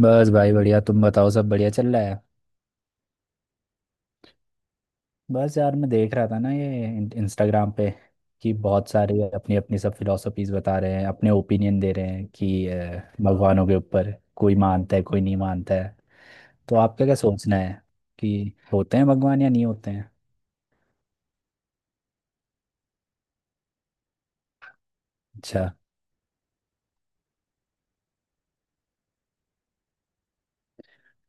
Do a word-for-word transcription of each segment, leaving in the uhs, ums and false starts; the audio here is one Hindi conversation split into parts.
बस भाई बढ़िया। तुम बताओ, सब बढ़िया चल रहा है। बस यार, मैं देख रहा था ना, ये इन- इंस्टाग्राम पे कि बहुत सारे अपनी अपनी सब फिलोसफीज बता रहे हैं, अपने ओपिनियन दे रहे हैं कि अ, भगवानों के ऊपर। कोई मानता है, कोई नहीं मानता है। तो आपका क्या सोचना है कि होते हैं भगवान या नहीं होते हैं? अच्छा।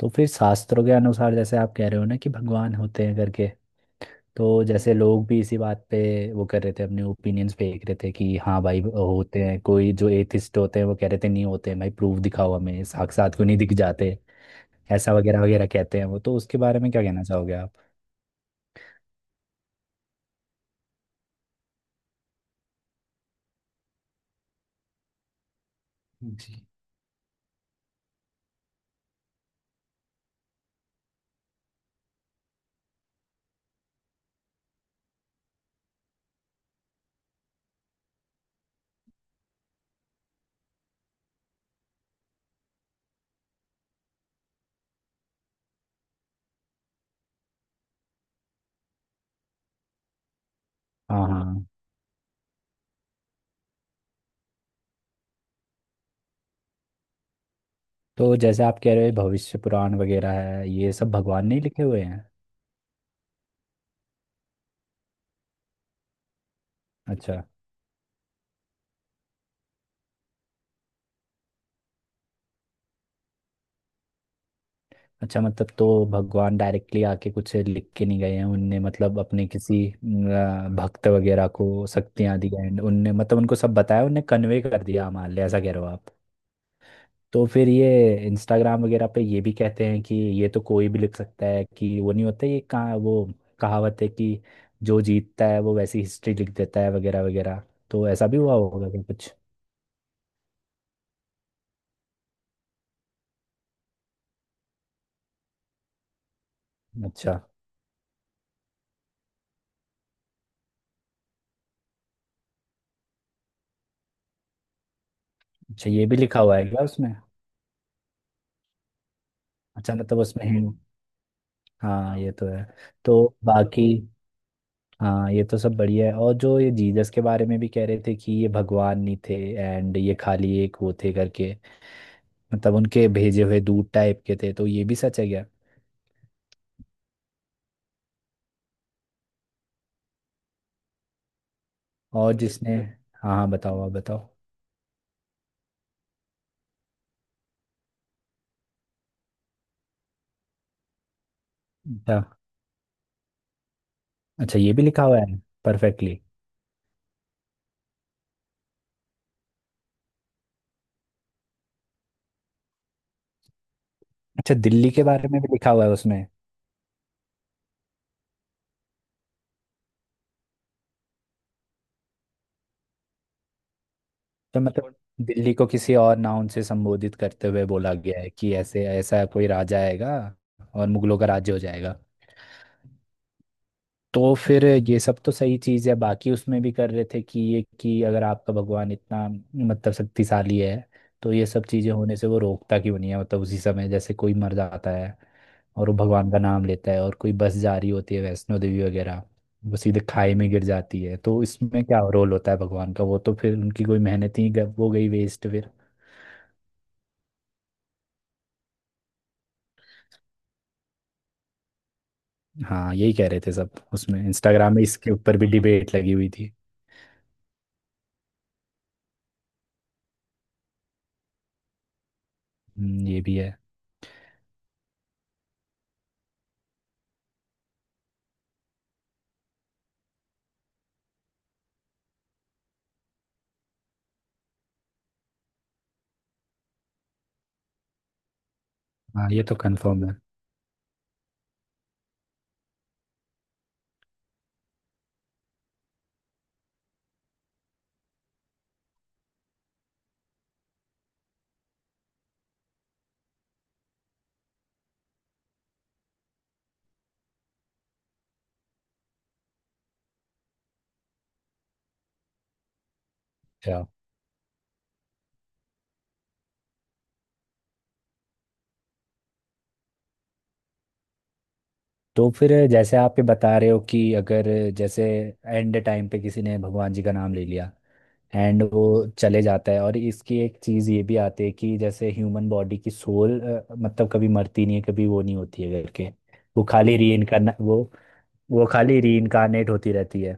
तो फिर शास्त्रों के अनुसार, जैसे आप कह रहे हो ना कि भगवान होते हैं करके। तो जैसे लोग भी इसी बात पे वो कर रहे थे, अपने ओपिनियंस फेंक रहे थे कि हाँ भाई होते हैं। कोई जो एथिस्ट होते हैं वो कह रहे थे नहीं होते हैं भाई, प्रूफ दिखाओ हमें, साक्षात क्यों नहीं दिख जाते। ऐसा वगैरह वगैरह कहते हैं वो, तो उसके बारे में क्या कहना चाहोगे आप? जी। हाँ, हाँ। तो जैसे आप कह रहे हो भविष्य पुराण वगैरह है, ये सब भगवान ने ही लिखे हुए हैं। अच्छा। अच्छा, मतलब तो भगवान डायरेक्टली आके कुछ लिख के नहीं गए हैं, उनने मतलब अपने किसी अ, भक्त वगैरह को शक्तियां दी हैं, उनने मतलब उनको सब बताया, उनने कन्वे कर दिया हमारे लिए, ऐसा कह रहे हो आप? तो फिर ये इंस्टाग्राम वगैरह पे ये भी कहते हैं कि ये तो कोई भी लिख सकता है कि वो नहीं होता, ये कहाँ वो कहावत है कि जो जीतता है वो वैसी हिस्ट्री लिख देता है वगैरह वगैरह। तो ऐसा भी हुआ होगा क्या कुछ? अच्छा। अच्छा, ये भी लिखा हुआ है क्या उसमें? अच्छा, मतलब उसमें हिंट- हाँ, ये तो है। तो बाकी। हाँ, ये तो सब बढ़िया है। और जो ये जीसस के बारे में भी कह रहे थे कि ये भगवान नहीं थे एंड ये खाली एक वो थे करके, मतलब उनके भेजे हुए दूत टाइप के थे, तो ये भी सच है क्या? और जिसने। हाँ, हाँ, बताओ, आप बताओ। अच्छा। अच्छा, ये भी लिखा हुआ है। परफेक्टली। अच्छा, दिल्ली के बारे में भी लिखा हुआ है उसमें? तो मतलब और दिल्ली को किसी और नाउन से संबोधित करते हुए बोला गया है कि ऐसे, ऐसा कोई राजा आएगा और मुगलों का राज्य हो जाएगा। तो फिर ये सब तो सही चीज़ है। बाकी उसमें भी कर रहे थे कि ये कि अगर आपका भगवान इतना मतलब शक्तिशाली है, तो ये सब चीज़ें होने से वो रोकता क्यों नहीं है, मतलब उसी समय जैसे कोई मर जाता है और वो भगवान का नाम लेता है, और कोई बस जा रही होती है वैष्णो देवी वगैरह, वो सीधे खाई में गिर जाती है, तो इसमें क्या रोल होता है भगवान का? वो तो फिर उनकी कोई मेहनत ही गब- वो गई वेस्ट फिर। हाँ, यही कह रहे थे सब उसमें, इंस्टाग्राम में इसके ऊपर भी डिबेट लगी हुई थी। हम्म, ये भी है। हाँ, ये तो कंफर्म है। अच्छा। तो फिर जैसे आप ये बता रहे हो कि अगर, जैसे एंड टाइम पे किसी ने भगवान जी का नाम ले लिया एंड वो चले जाता है, और इसकी एक चीज़ ये भी आती है कि जैसे ह्यूमन बॉडी की सोल मतलब कभी मरती नहीं है, कभी वो नहीं होती है करके, वो खाली री इनकारना वो वो खाली री इनकारनेट होती रहती है।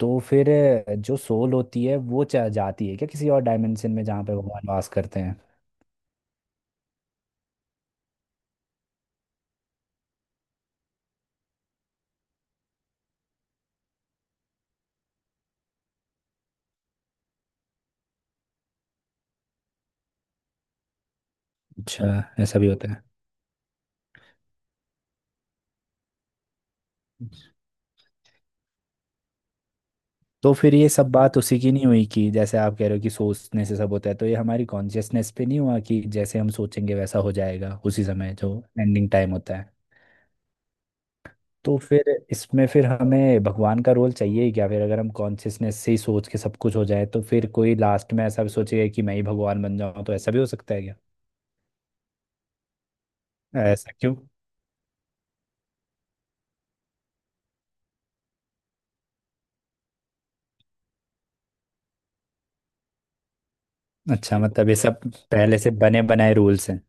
तो फिर अ, जो सोल होती है वो चा- जाती है क्या किसी और डायमेंशन में, जहाँ पे भगवान वास करते हैं? अच्छा, ऐसा भी होता है। तो फिर ये सब बात उसी की नहीं हुई कि जैसे आप कह रहे हो कि सोचने से सब होता है, तो ये हमारी कॉन्शियसनेस पे नहीं हुआ कि जैसे हम सोचेंगे वैसा हो जाएगा उसी समय जो एंडिंग टाइम होता है। तो फिर इसमें फिर हमें भगवान का रोल चाहिए ही क्या? फिर अगर हम कॉन्शियसनेस से ही सोच के सब कुछ हो जाए, तो फिर कोई लास्ट में ऐसा भी सोचेगा कि मैं ही भगवान बन जाऊं, तो ऐसा भी हो सकता है क्या? ऐसा क्यों? अच्छा। मतलब ये सब पहले से बने बनाए रूल्स हैं।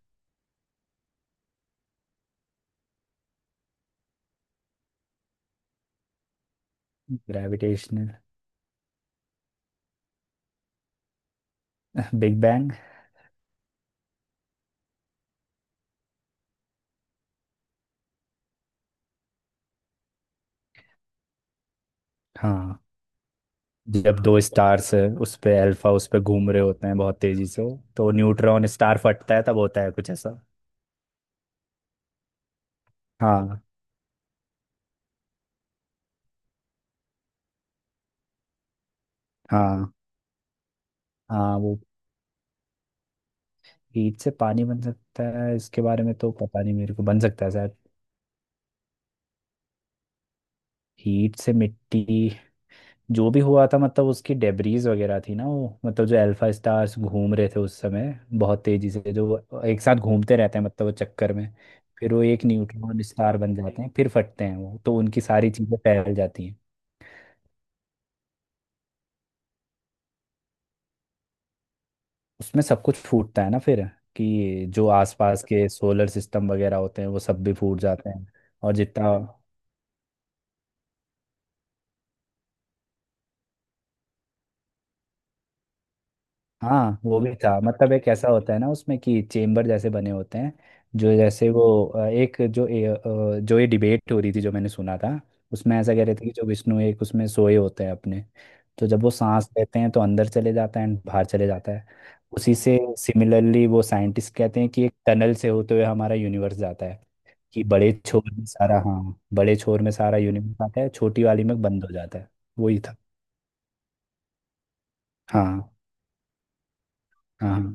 ग्रेविटेशनल। Big bang. हाँ, जब दो स्टार्स उस पे अल्फा उस पे घूम रहे होते हैं बहुत तेजी से, तो न्यूट्रॉन स्टार फटता है, तब होता है कुछ ऐसा। हाँ, हाँ। हाँ, वो हीट से पानी बन सकता है इसके बारे में तो पता नहीं मेरे को, बन सकता है शायद। हीट से मिट्टी? जो भी हुआ था, मतलब उसकी डेब्रीज वगैरह थी ना वो, मतलब जो अल्फा स्टार्स घूम रहे थे उस समय बहुत तेजी से, जो वो एक साथ घूमते रहते हैं, मतलब वो चक्कर में, फिर वो एक न्यूट्रॉन स्टार बन जाते हैं, फिर फटते हैं वो, तो उनकी सारी चीजें फैल जाती हैं। उसमें सब कुछ फूटता है ना फिर, कि जो आसपास के सोलर सिस्टम वगैरह होते हैं वो सब भी फूट जाते हैं और जितना। हाँ, वो भी था, मतलब एक ऐसा होता है ना उसमें कि चेम्बर जैसे बने होते हैं, जो जैसे वो अ, एक जो ए, अ, जो ये डिबेट हो रही थी जो मैंने सुना था, उसमें ऐसा कह रहे थे कि जो विष्णु एक उसमें सोए होते हैं अपने, तो जब वो सांस लेते हैं तो अंदर चले जाता है एंड बाहर चले जाता है। उसी से सिमिलरली वो साइंटिस्ट कहते हैं कि एक टनल से होते हुए हमारा यूनिवर्स जाता है, कि बड़े छोर में सारा हाँ, बड़े छोर में सारा यूनिवर्स आता है, छोटी वाली में बंद हो जाता है। वही था। हाँ, हाँ, हाँ,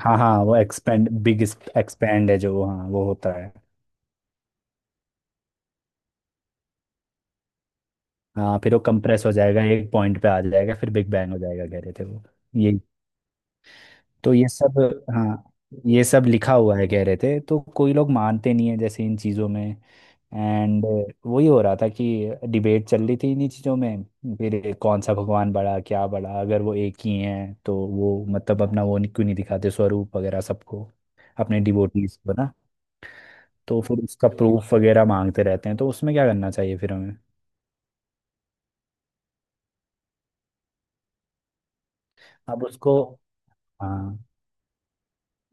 हाँ, हाँ, वो एक्सपेंड बिग, एक्सपेंड है जो वो, हाँ, वो होता है। हाँ, फिर वो कंप्रेस हो जाएगा, एक पॉइंट पे आ जाएगा, फिर बिग बैंग हो जाएगा, कह रहे थे वो। ये तो। ये सब। हाँ, ये सब लिखा हुआ है कह रहे थे, तो कोई लोग मानते नहीं है जैसे इन चीज़ों में। एंड वही हो रहा था कि डिबेट चल रही थी इन्हीं चीज़ों में। फिर कौन सा भगवान बड़ा, क्या बड़ा, अगर वो एक ही है तो वो मतलब अपना वो नहीं- क्यों नहीं दिखाते स्वरूप वगैरह सबको, अपने डिवोटीज को ना? तो फिर उसका प्रूफ वगैरह मांगते रहते हैं, तो उसमें क्या करना चाहिए फिर हमें? अब उसको। हाँ,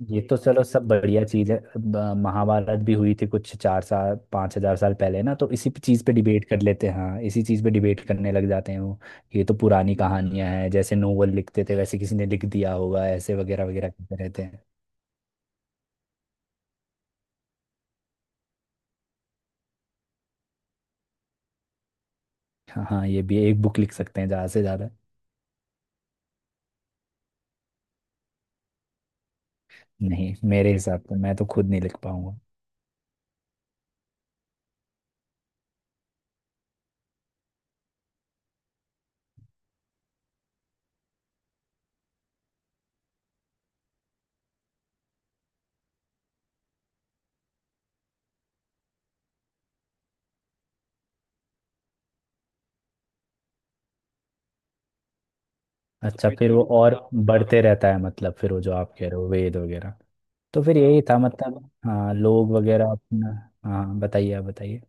ये तो चलो सब बढ़िया चीज है। अब, अ, महाभारत भी हुई थी कुछ चार साल पाँच हजार साल पहले ना, तो इसी चीज पे डिबेट कर लेते हैं। हाँ, इसी चीज पे डिबेट करने लग जाते हैं वो, ये तो पुरानी कहानियां हैं, जैसे नोवेल लिखते थे वैसे किसी ने लिख दिया होगा, ऐसे वगैरह वगैरह करते रहते हैं। हाँ, हाँ, ये भी एक बुक लिख सकते हैं ज्यादा से ज्यादा। नहीं, मेरे हिसाब से मैं तो खुद नहीं लिख पाऊंगा। तो अच्छा, फिर फिर वो और बढ़ते रहता है, मतलब फिर वो जो आप कह रहे हो वेद वगैरह। तो फिर यही था मतलब। हाँ, लोग वगैरह अपना। हाँ, बताइए, आप बताइए।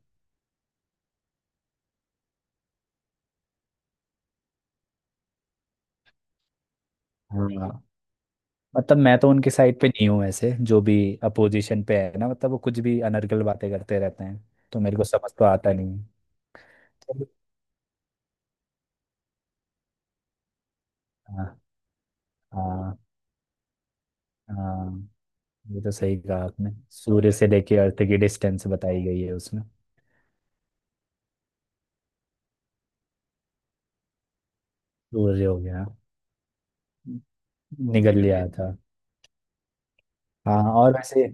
हाँ, मतलब मैं तो उनके साइड पे नहीं हूँ, ऐसे जो भी अपोजिशन पे है ना, मतलब वो कुछ भी अनर्गल बातें करते रहते हैं। तो मेरे को समझ तो आता नहीं है। चलो। हाँ, हाँ। हाँ, ये तो सही कहा आपने, सूर्य से लेके अर्थ की डिस्टेंस बताई गई है उसमें। सूर्य हो गया, निगल लिया था। हाँ, और वैसे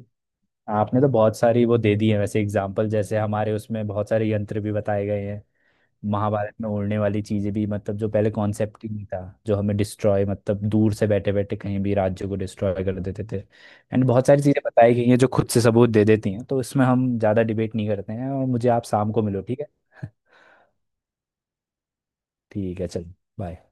आपने तो बहुत सारी वो दे दी है वैसे एग्जाम्पल, जैसे हमारे उसमें बहुत सारे यंत्र भी बताए गए हैं। महाभारत में उड़ने वाली चीजें भी, मतलब जो पहले कॉन्सेप्ट ही नहीं था, जो हमें डिस्ट्रॉय मतलब दूर से बैठे बैठे कहीं भी राज्य को डिस्ट्रॉय कर देते थे। एंड बहुत सारी चीजें बताई गई हैं जो खुद से सबूत दे देती हैं, तो इसमें हम ज्यादा डिबेट नहीं करते हैं। और मुझे आप शाम को मिलो, ठीक है? ठीक है, चलो, बाय।